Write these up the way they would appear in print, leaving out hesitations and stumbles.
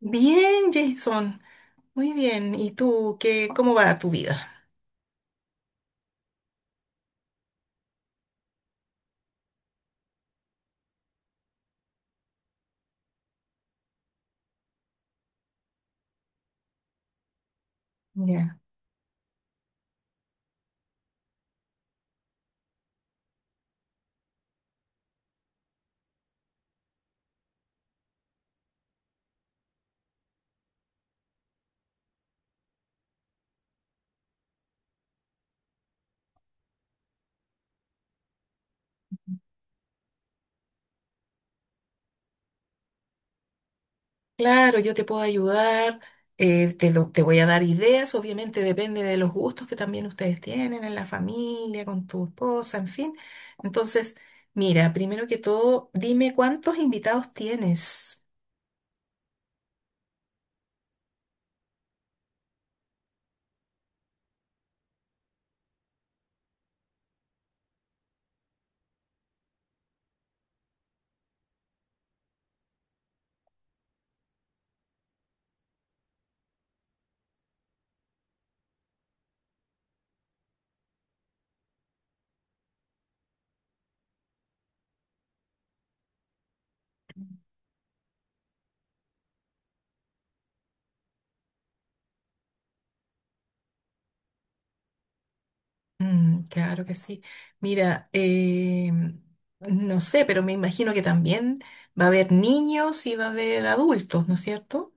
Bien, Jason. Muy bien. ¿Y tú qué, cómo va tu vida? Ya. Claro, yo te puedo ayudar. Te voy a dar ideas. Obviamente depende de los gustos que también ustedes tienen en la familia, con tu esposa, en fin. Entonces, mira, primero que todo, dime cuántos invitados tienes. Mm, claro que sí. Mira, no sé, pero me imagino que también va a haber niños y va a haber adultos, ¿no es cierto?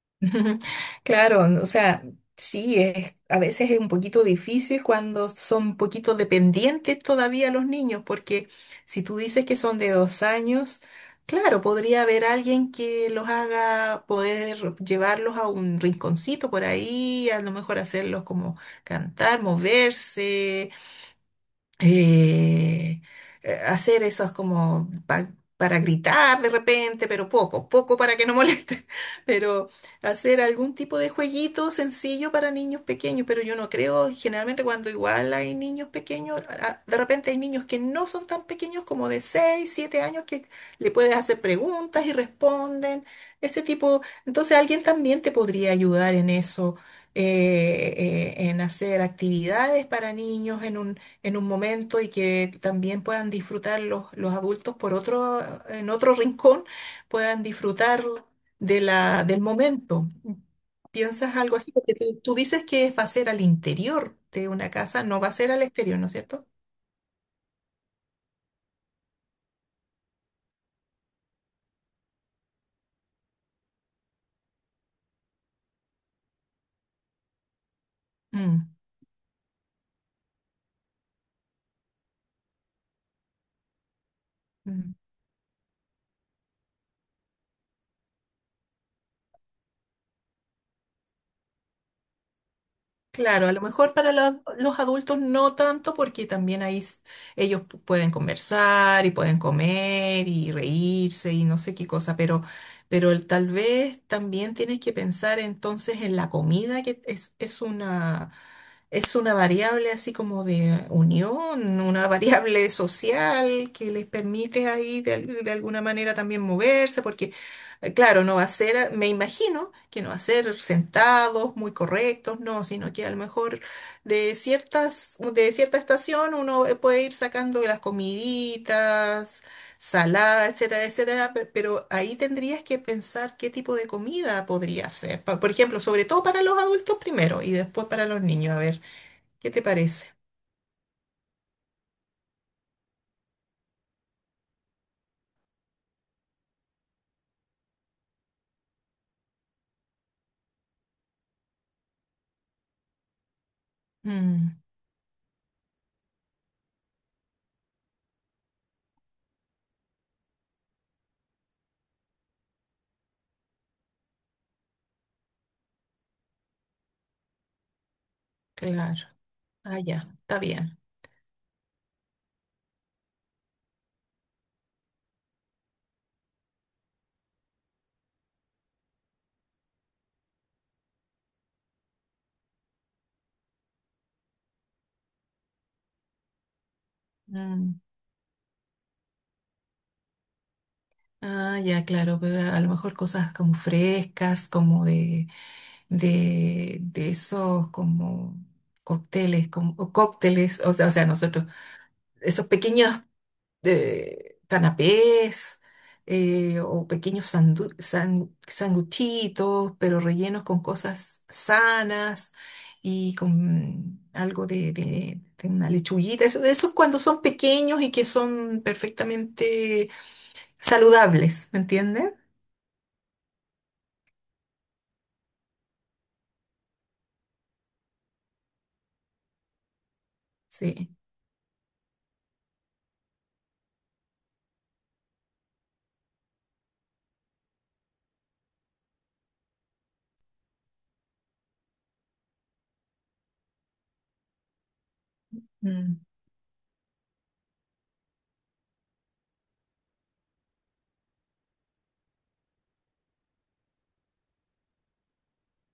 Ujú. Claro, o sea, sí, a veces es un poquito difícil cuando son un poquito dependientes todavía los niños, porque si tú dices que son de dos años, claro, podría haber alguien que los haga poder llevarlos a un rinconcito por ahí, a lo mejor hacerlos como cantar, moverse, eh, hacer esos como para gritar de repente, pero poco, poco para que no molesten, pero hacer algún tipo de jueguito sencillo para niños pequeños, pero yo no creo, generalmente cuando igual hay niños pequeños, de repente hay niños que no son tan pequeños como de 6 7 años que le puedes hacer preguntas y responden, ese tipo, entonces alguien también te podría ayudar en eso en hacer actividades para niños, en un momento y que también puedan disfrutar los adultos por otro, en otro rincón, puedan disfrutar de del momento. ¿Piensas algo así? Porque tú dices que va a ser al interior de una casa, no va a ser al exterior, ¿no es cierto? Mm, mm. Claro, a lo mejor para los adultos no tanto porque también ahí ellos pueden conversar y pueden comer y reírse y no sé qué cosa, pero tal vez también tienes que pensar entonces en la comida, que es una variable así como de unión, una variable social que les permite ahí de alguna manera también moverse, porque claro, no va a ser, me imagino que no va a ser sentados, muy correctos, no, sino que a lo mejor de cierta estación uno puede ir sacando las comiditas, salada, etcétera, etcétera, pero ahí tendrías que pensar qué tipo de comida podría ser. Por ejemplo, sobre todo para los adultos primero y después para los niños, a ver. ¿Qué te parece? Mm, claro. Ah, ya, está bien. Mm. Ya, claro, pero a lo mejor cosas como frescas, como de esos como cócteles, o cócteles, o sea, nosotros, esos pequeños de canapés o pequeños sanguchitos, pero rellenos con cosas sanas y con algo de, de una lechuguita. Eso es cuando son pequeños y que son perfectamente saludables, ¿me entiendes? Sí.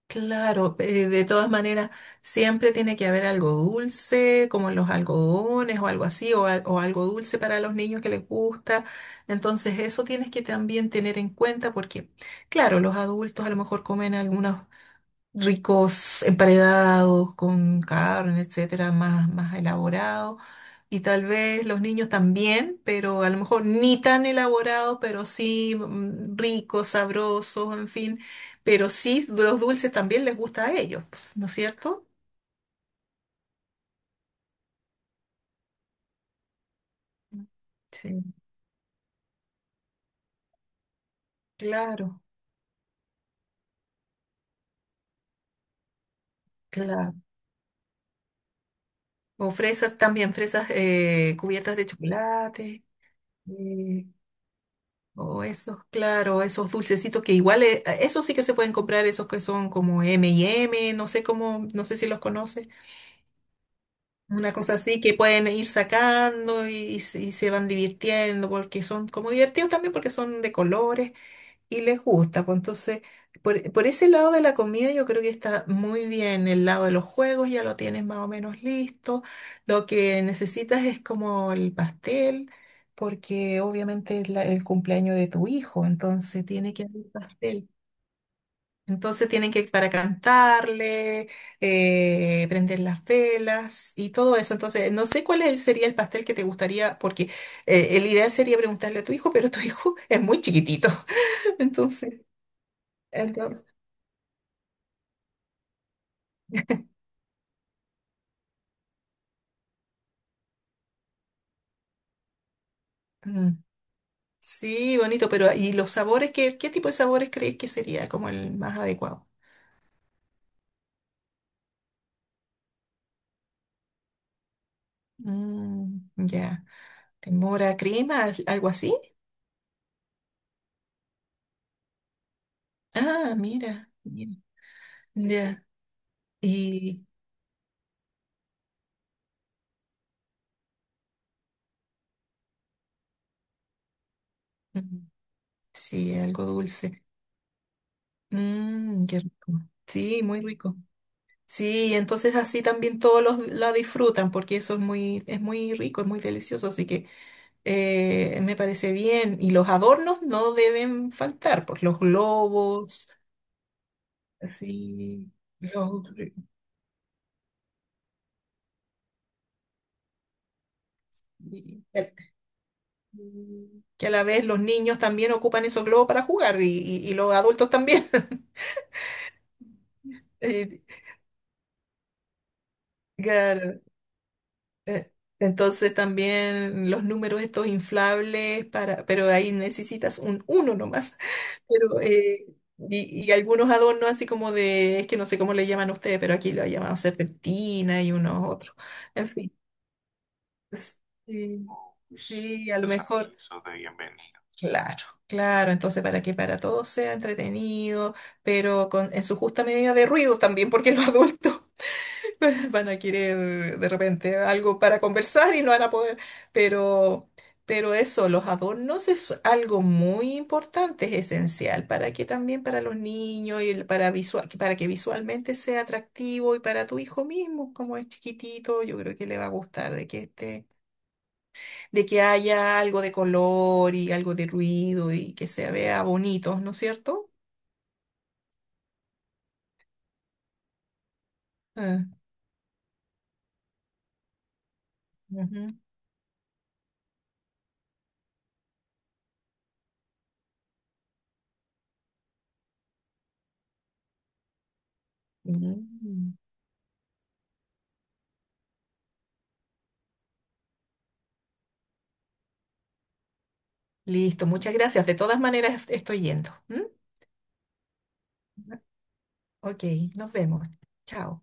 Claro, de todas maneras, siempre tiene que haber algo dulce, como los algodones o algo así, o algo dulce para los niños que les gusta. Entonces, eso tienes que también tener en cuenta porque, claro, los adultos a lo mejor comen algunos ricos emparedados con carne, etcétera, más elaborado. Y tal vez los niños también, pero a lo mejor ni tan elaborado, pero sí ricos, sabrosos, en fin. Pero sí, los dulces también les gusta a ellos, pues, ¿no es cierto? Sí, claro, claro. O fresas también, fresas cubiertas de chocolate. eh, O esos, claro, esos dulcecitos que igual, esos sí que se pueden comprar, esos que son como M&M, no sé cómo, no sé si los conoces. Una cosa así que pueden ir sacando y se y se van divirtiendo porque son como divertidos también porque son de colores y les gusta. Pues entonces, por ese lado de la comida yo creo que está muy bien. El lado de los juegos ya lo tienes más o menos listo. Lo que necesitas es como el pastel, porque obviamente es el cumpleaños de tu hijo, entonces tiene que haber pastel. Entonces tienen que para cantarle, prender las velas y todo eso. Entonces, no sé cuál sería el pastel que te gustaría, porque el ideal sería preguntarle a tu hijo, pero tu hijo es muy chiquitito. Entonces, entonces, mm, sí, bonito, pero ¿y los sabores? ¿Qué, qué tipo de sabores crees que sería como el más adecuado? Mm, ya. ¿Temora crema? ¿Algo así? Ah, mira. Mira, ya. Y mm, sí, algo dulce. Mmm, qué rico. Sí, muy rico. Sí, entonces así también todos los la disfrutan porque eso es muy rico, es muy delicioso, así que me parece bien. Y los adornos no deben faltar, pues los globos. Sí, los, y- y- que a la vez los niños también ocupan esos globos para jugar y y los adultos también. Eh, Claro. eh, Entonces también los números estos inflables para, pero ahí necesitas un uno nomás. Pero y algunos adornos así como de, es que no sé cómo le llaman a ustedes, pero aquí lo llamamos serpentina y unos otros. En fin. Sí, sí, a lo mejor. Claro, claro, entonces para que para todos sea entretenido, pero con, en su justa medida de ruido también, porque los adultos van a querer de repente algo para conversar y no van a poder, pero, pero eso, los adornos es algo muy importante, es esencial para que también para los niños y para visual, para que visualmente sea atractivo y para tu hijo mismo, como es chiquitito, yo creo que le va a gustar de que esté de que haya algo de color y algo de ruido y que se vea bonito, ¿no es cierto? Ah, ujú. Mm. Listo, muchas gracias. De todas maneras, estoy yendo. ¿M? Ok, nos vemos. Chao.